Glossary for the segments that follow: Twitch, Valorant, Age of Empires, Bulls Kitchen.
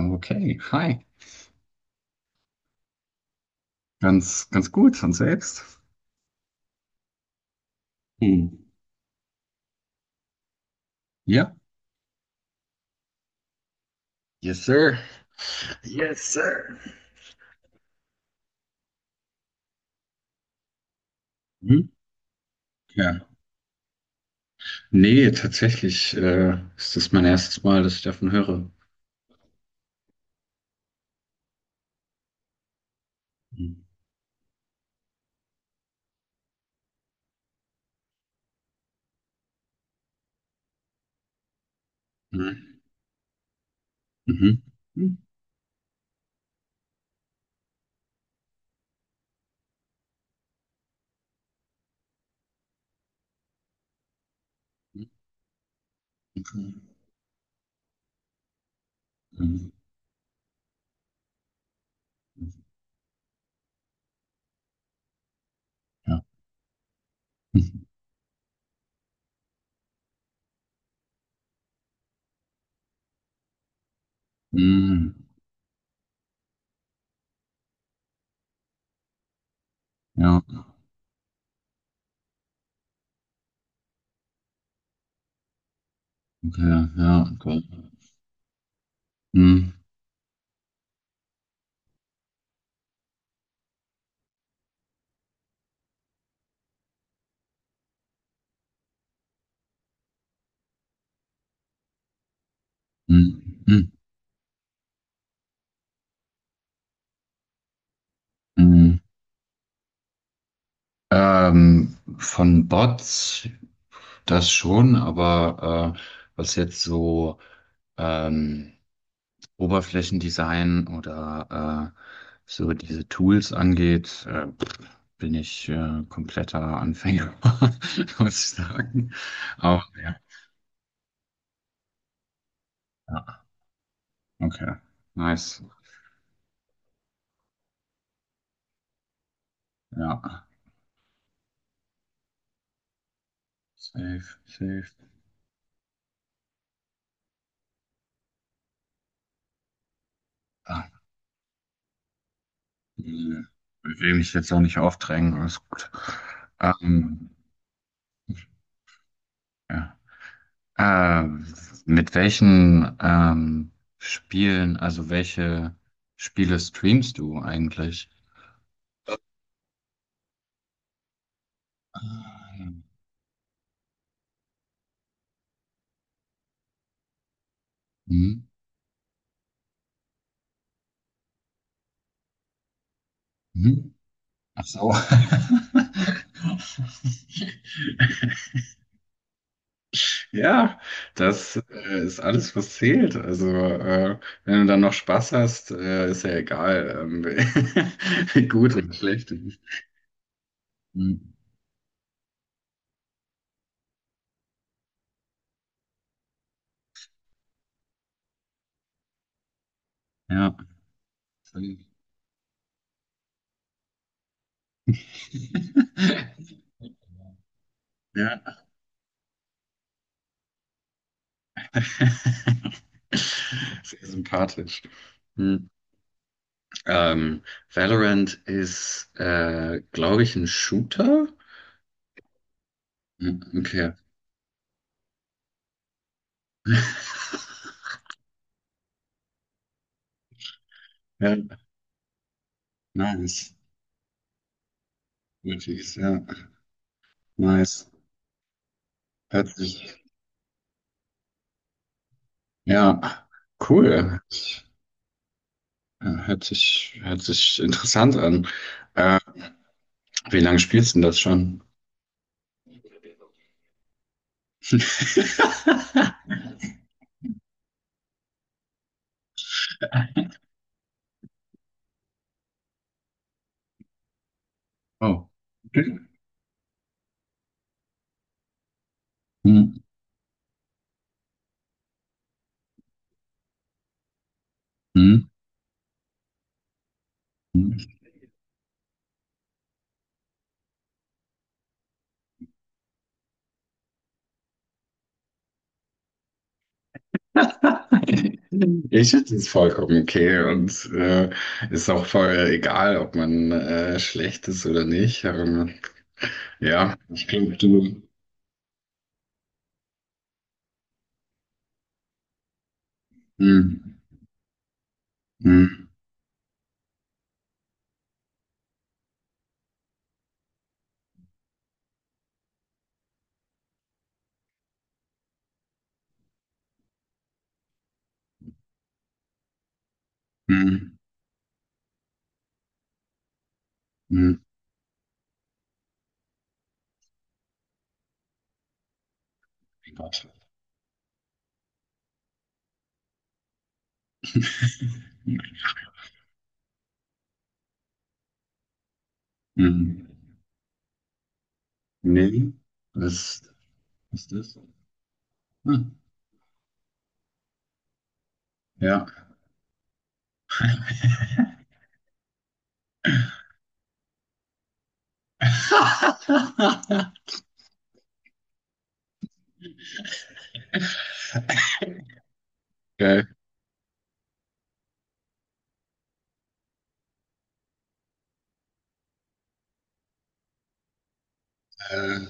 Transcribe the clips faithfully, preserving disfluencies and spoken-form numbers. Okay, hi. Ganz, ganz gut. Und selbst? Hm. Ja. Yes, sir. Yes, sir. Mhm. Ja. Nee, tatsächlich äh, ist das mein erstes Mal, dass ich davon höre. Mhm. Mhm. Mhm. Okay. Mhm. Ja. Mhm. Ja. Okay. Ja. Okay. Mhm. Mhm. Mhm. Mhm. Ähm, von Bots das schon, aber äh, was jetzt so ähm, Oberflächendesign oder äh, so diese Tools angeht, äh, pff, bin ich äh, kompletter Anfänger, muss ich sagen. Aber ja, ja, okay, nice. Ja, safe, safe. Ah, äh, will mich jetzt auch nicht aufdrängen, alles gut. Ähm, ja. Äh, mit welchen ähm, Spielen, also welche Spiele streamst du eigentlich? Ähm, hm? Mhm. Ach so. Ja, das äh, ist alles, was zählt. Also, äh, wenn du dann noch Spaß hast, äh, ist ja egal, ähm, wie gut oder schlecht du bist. Mhm. Ja. Ja. Sehr sympathisch. Mhm. Ähm, Valorant ist, äh, glaube ich, ein Shooter. Mhm, okay. Ja, nice. Multis, ja. Nice. Hört sich, ja, cool. Ich, äh, hört sich, hört sich interessant an. Äh, wie lange spielst du denn das schon? Oh. Hm, hm, hm. Ich finde es vollkommen okay und äh, ist auch voll egal, ob man äh, schlecht ist oder nicht. Ähm, ja, ich glaube, du. Hm, hm, hm, hm. Hm. Nee, was ist das? Hm. Ja. Geil. Äh,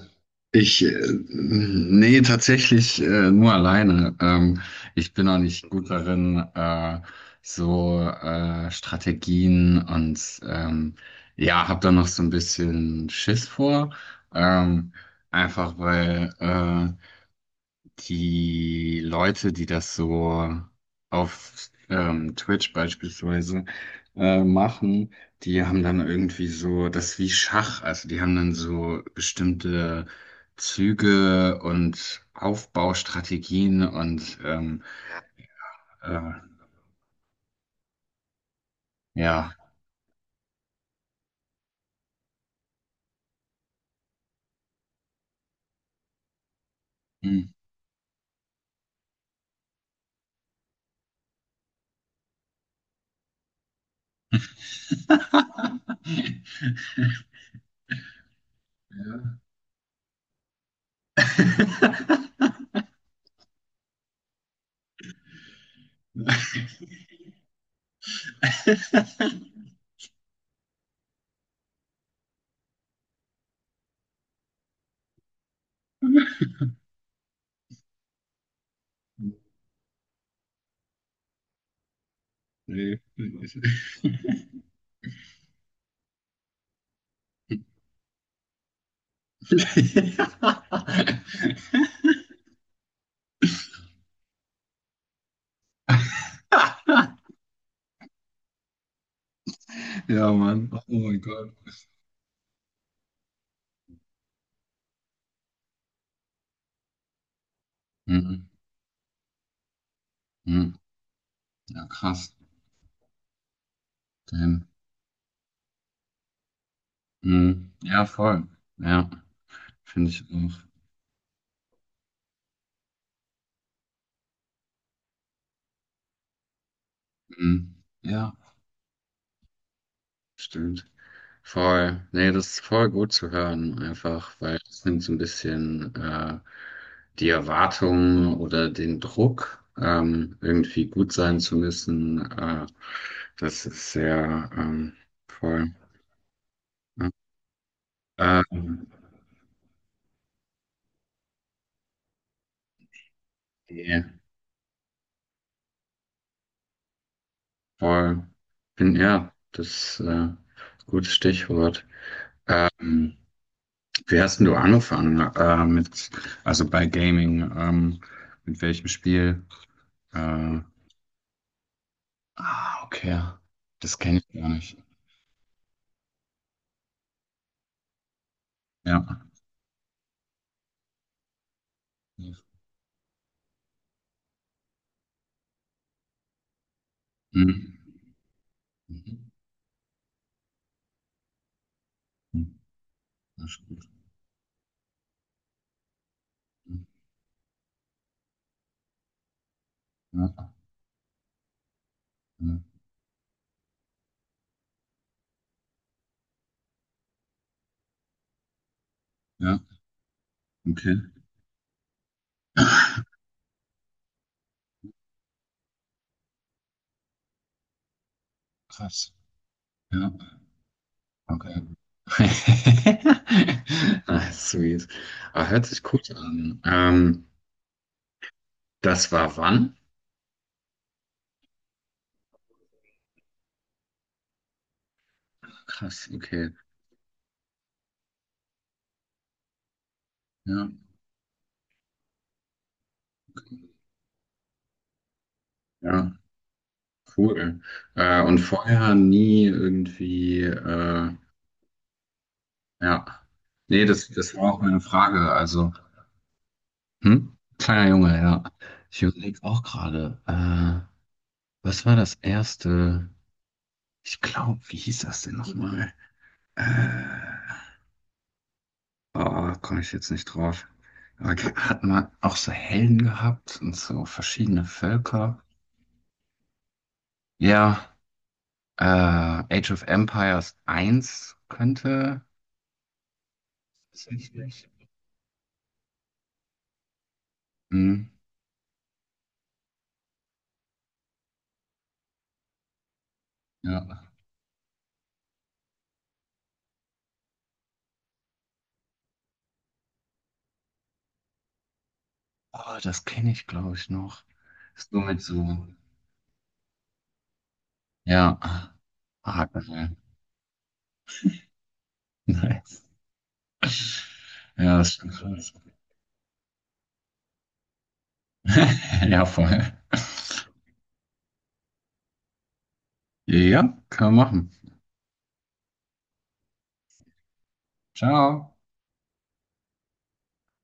ich, äh, nee, tatsächlich äh, nur alleine. Ähm, ich bin auch nicht gut darin, äh, so äh, Strategien und ähm, ja, habe da noch so ein bisschen Schiss vor. Ähm, Einfach weil äh, die Leute, die das so auf ähm, Twitch beispielsweise äh, machen, die haben dann irgendwie so, das ist wie Schach, also die haben dann so bestimmte Züge und Aufbaustrategien und ähm, äh, ja. Hm. Nee. Ja. Ja, Mann. Oh mein Gott. Mhm. Mhm. Ja, krass. Damn. Mhm. Ja, voll. Ja, finde ich auch. Mhm. Ja, stimmt. Voll. Nee, das ist voll gut zu hören, einfach, weil es nimmt so ein bisschen äh, die Erwartung oder den Druck, ähm, irgendwie gut sein zu müssen. Äh, das ist sehr ähm, voll. Ja. Ähm, nee. Voll. Bin, ja, das ist äh, ein gutes Stichwort. Ähm, Wie hast denn du angefangen äh, mit, also bei Gaming, ähm, mit welchem Spiel? Äh, ah, okay. Das kenne ich gar nicht. Ja. Mhm. Mhm. Mhm. Das ist gut. Ja, ja, ja, okay. Krass. Ja, okay. Ah, sweet. Aber hört sich gut an. Ähm, das war wann? Krass, okay. Ja. Ja, cool. Äh, und vorher nie irgendwie, äh, ja. Nee, das, das war auch meine Frage. Also, hm? Kleiner Junge, ja. Ich überlege auch gerade, äh, was war das erste? Ich glaube, wie hieß das denn nochmal? Äh, oh, komme ich jetzt nicht drauf. Aber ge- hat man auch so Helden gehabt und so verschiedene Völker? Ja, äh, Age of Empires eins könnte. Hm. Ja. Oh, das kenne ich, glaube ich, noch. Ist nur mit so, ja, Haken rein. Nice. Ja, das stimmt, schon. Ja, voll. Ja, kann man machen. Ciao.